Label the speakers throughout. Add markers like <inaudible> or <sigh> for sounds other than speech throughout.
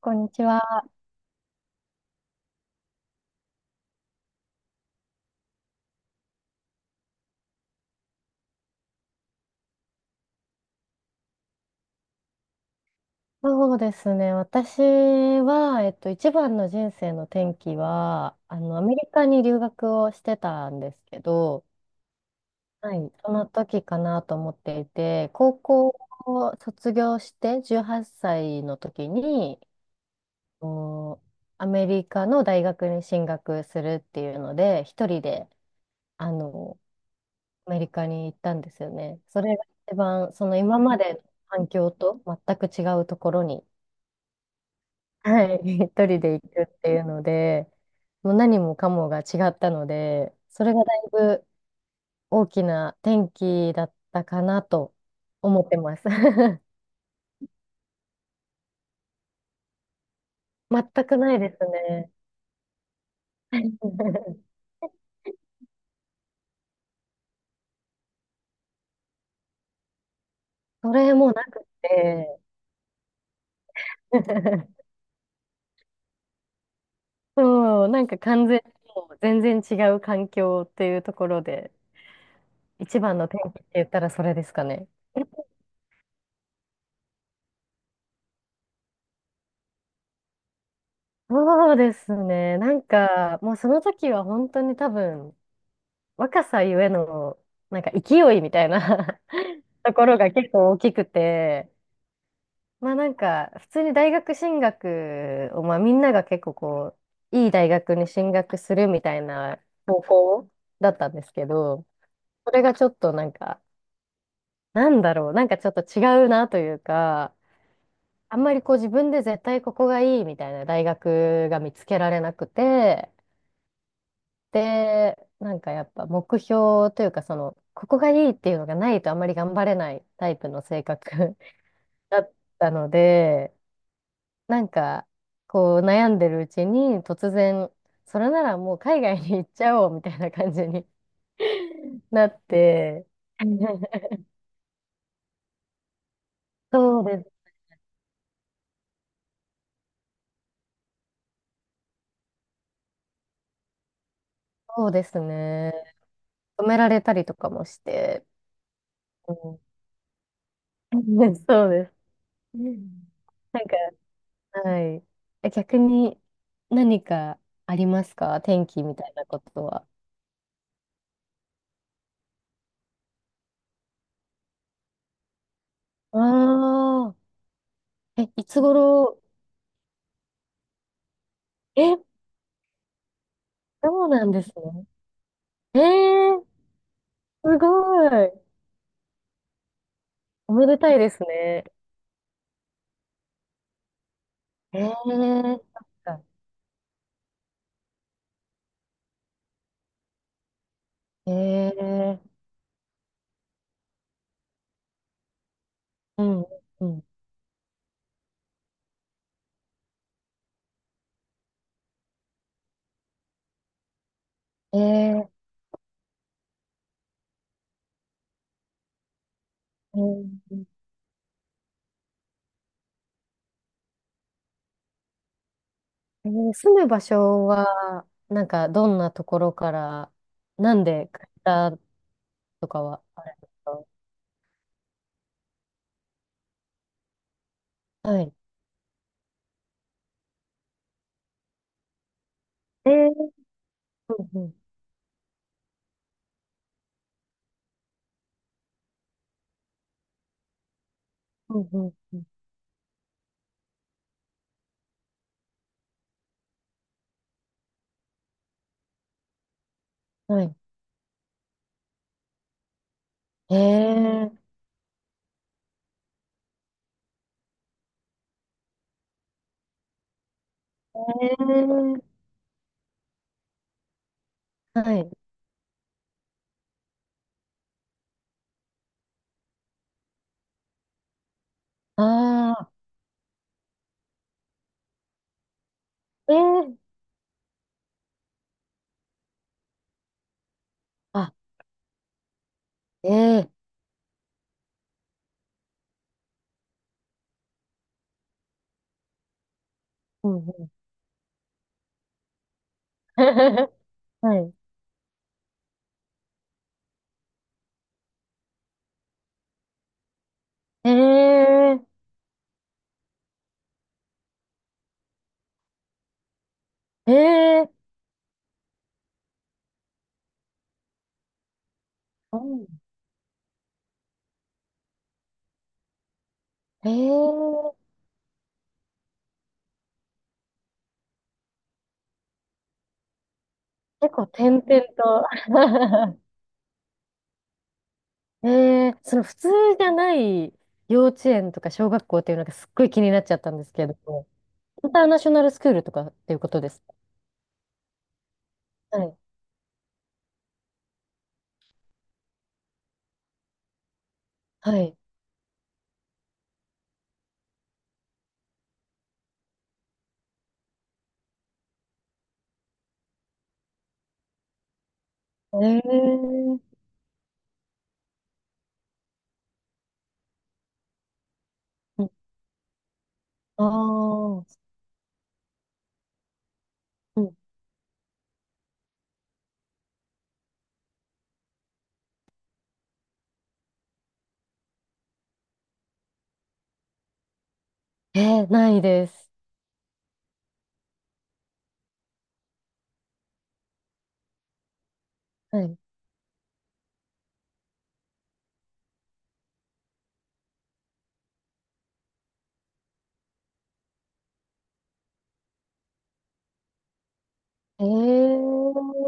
Speaker 1: こんにちは。そうですね。私は、一番の人生の転機は、アメリカに留学をしてたんですけど、はい、その時かなと思っていて、高校を卒業して18歳の時に、おアメリカの大学に進学するっていうので、一人で、あの、アメリカに行ったんですよね。それが一番、その今までの環境と全く違うところに、はい、<laughs> 一人で行くっていうので、もう何もかもが違ったので、それがだいぶ大きな転機だったかなと思ってます。<laughs> 全くないですね。<laughs> それもなくて、<laughs> そう、なんか完全にもう全然違う環境っていうところで、一番の転機って言ったらそれですかね。そうですね。なんか、もうその時は本当に多分、若さゆえの、なんか勢いみたいな <laughs> ところが結構大きくて、まあなんか、普通に大学進学を、まあみんなが結構こう、いい大学に進学するみたいな方向だったんですけど、それがちょっとなんか、なんだろう、なんかちょっと違うなというか、あんまりこう自分で絶対ここがいいみたいな大学が見つけられなくて、で、なんかやっぱ目標というか、その、ここがいいっていうのがないとあんまり頑張れないタイプの性格 <laughs> だったので、なんか、こう悩んでるうちに突然、それならもう海外に行っちゃおうみたいな感じに <laughs> なって、<laughs> そうです、そうですね。止められたりとかもして、うん、 <laughs> そうです。うん、なんか、はい。え、逆に何かありますか、天気みたいなことは？ああ、え、いつ頃。え、そうなんですね。えー、すごい。おめでたいですね。えー、そっか。えー、うん、うん。えー、えー住む場所は、なんか、どんなところから、なんで買ったとかはあるんですか？はい。えー、うん、うん、うん、うん。うん、はい。ええ、ええ、はい。ああ、ええ、あ、ええ、うん、うん。<laughs> はい。ええ、ええ、うん、ええ、結構点々と。 <laughs> ええ、その普通じゃない幼稚園とか小学校っていうのがすっごい気になっちゃったんですけれども、インターナショナルスクールとかっていうことですか？はい。はい。ええ、うん、ああー、うん、ええ、ないです。はい。ええ、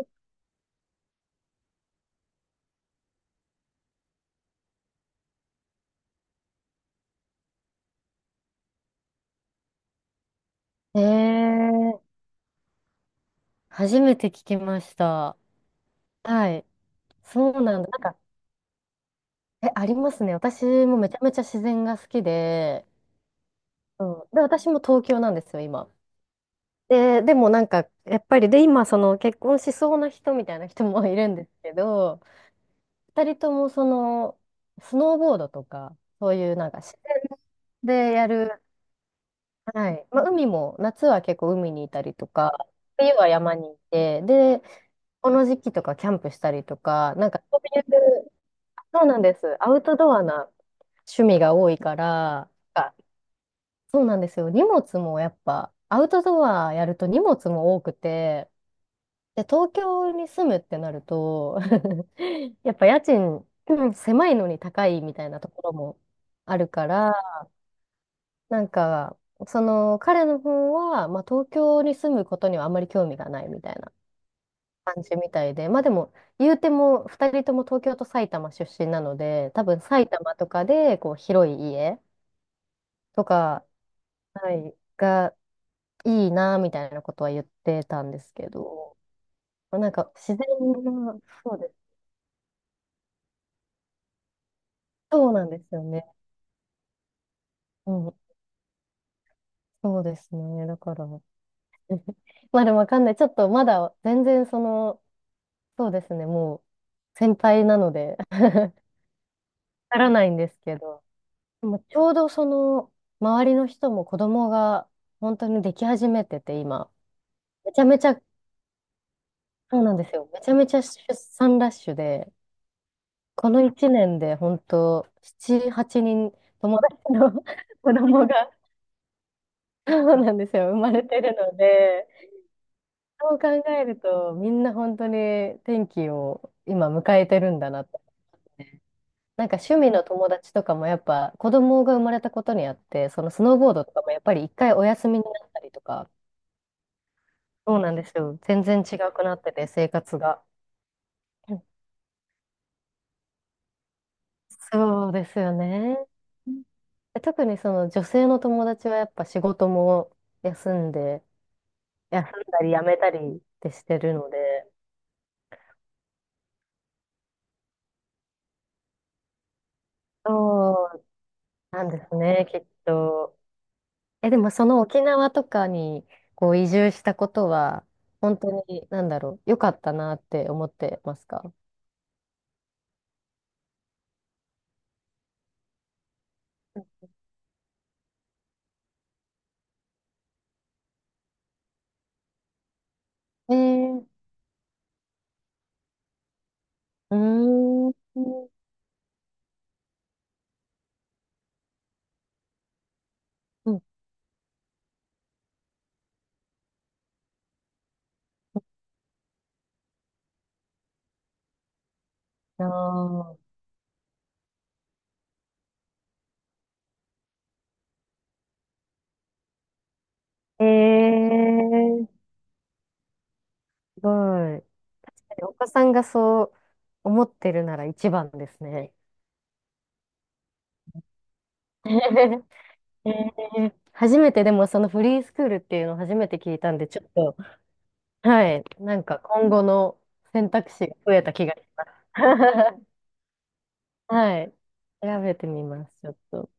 Speaker 1: ええ、初めて聞きました。はい。そうなんだ。なんか、え、ありますね。私もめちゃめちゃ自然が好きで、うん。で、私も東京なんですよ、今。で、でもなんか、やっぱり、で、今、その結婚しそうな人みたいな人もいるんですけど、二人とも、その、スノーボードとか、そういうなんか自然でやる、はい。まあ、海も、夏は結構海にいたりとか、冬は山にいて、で、この時期とかキャンプしたりとか、なんかそういう、そうなんです。アウトドアな趣味が多いから、あそうなんですよ。荷物もやっぱ、アウトドアやると荷物も多くて、で、東京に住むってなると <laughs> やっぱ家賃、うん、狭いのに高いみたいなところもあるから、なんか、その彼の方は、まあ、東京に住むことにはあまり興味がないみたいな感じみたいで、まあでも、言うても2人とも東京と埼玉出身なので、多分埼玉とかでこう広い家とか、はい、がいいなみたいなことは言ってたんですけど、まあなんか自然が、そうです。そうなんですよね。うん、そうですね。だから、まあでもわかんない。ちょっとまだ全然その、そうですね、もう先輩なので、 <laughs> わからないんですけど、でもちょうどその周りの人も子供が本当にでき始めてて今、めちゃめちゃ、そうなんですよ、めちゃめちゃ出産ラッシュで、この1年で本当7、8人、友達の <laughs> 子供が、そうなんですよ、生まれてるので、そう考えるとみんな本当に天気を今迎えてるんだなって。なんか趣味の友達とかもやっぱ子供が生まれたことにあって、そのスノーボードとかもやっぱり一回お休みになったりとか、そうなんですよ。全然違くなってて、生活が。うん、そうですよね。うん、特にその女性の友達はやっぱ仕事も休んで、休んだり辞めたりってしてるので、そうなんですね、きっと。え、でもその沖縄とかにこう移住したことは、本当に、なんだろう、良かったなって思ってますか？えー、うーん、うん、あー、えー、すごい。確かにお子さんがそう思ってるなら一番ですね。<laughs> え初めてでもそのフリースクールっていうのを初めて聞いたんで、ちょっと、はい、なんか今後の選択肢が増えた気がします。<laughs> はい。調べてみます、ちょっと。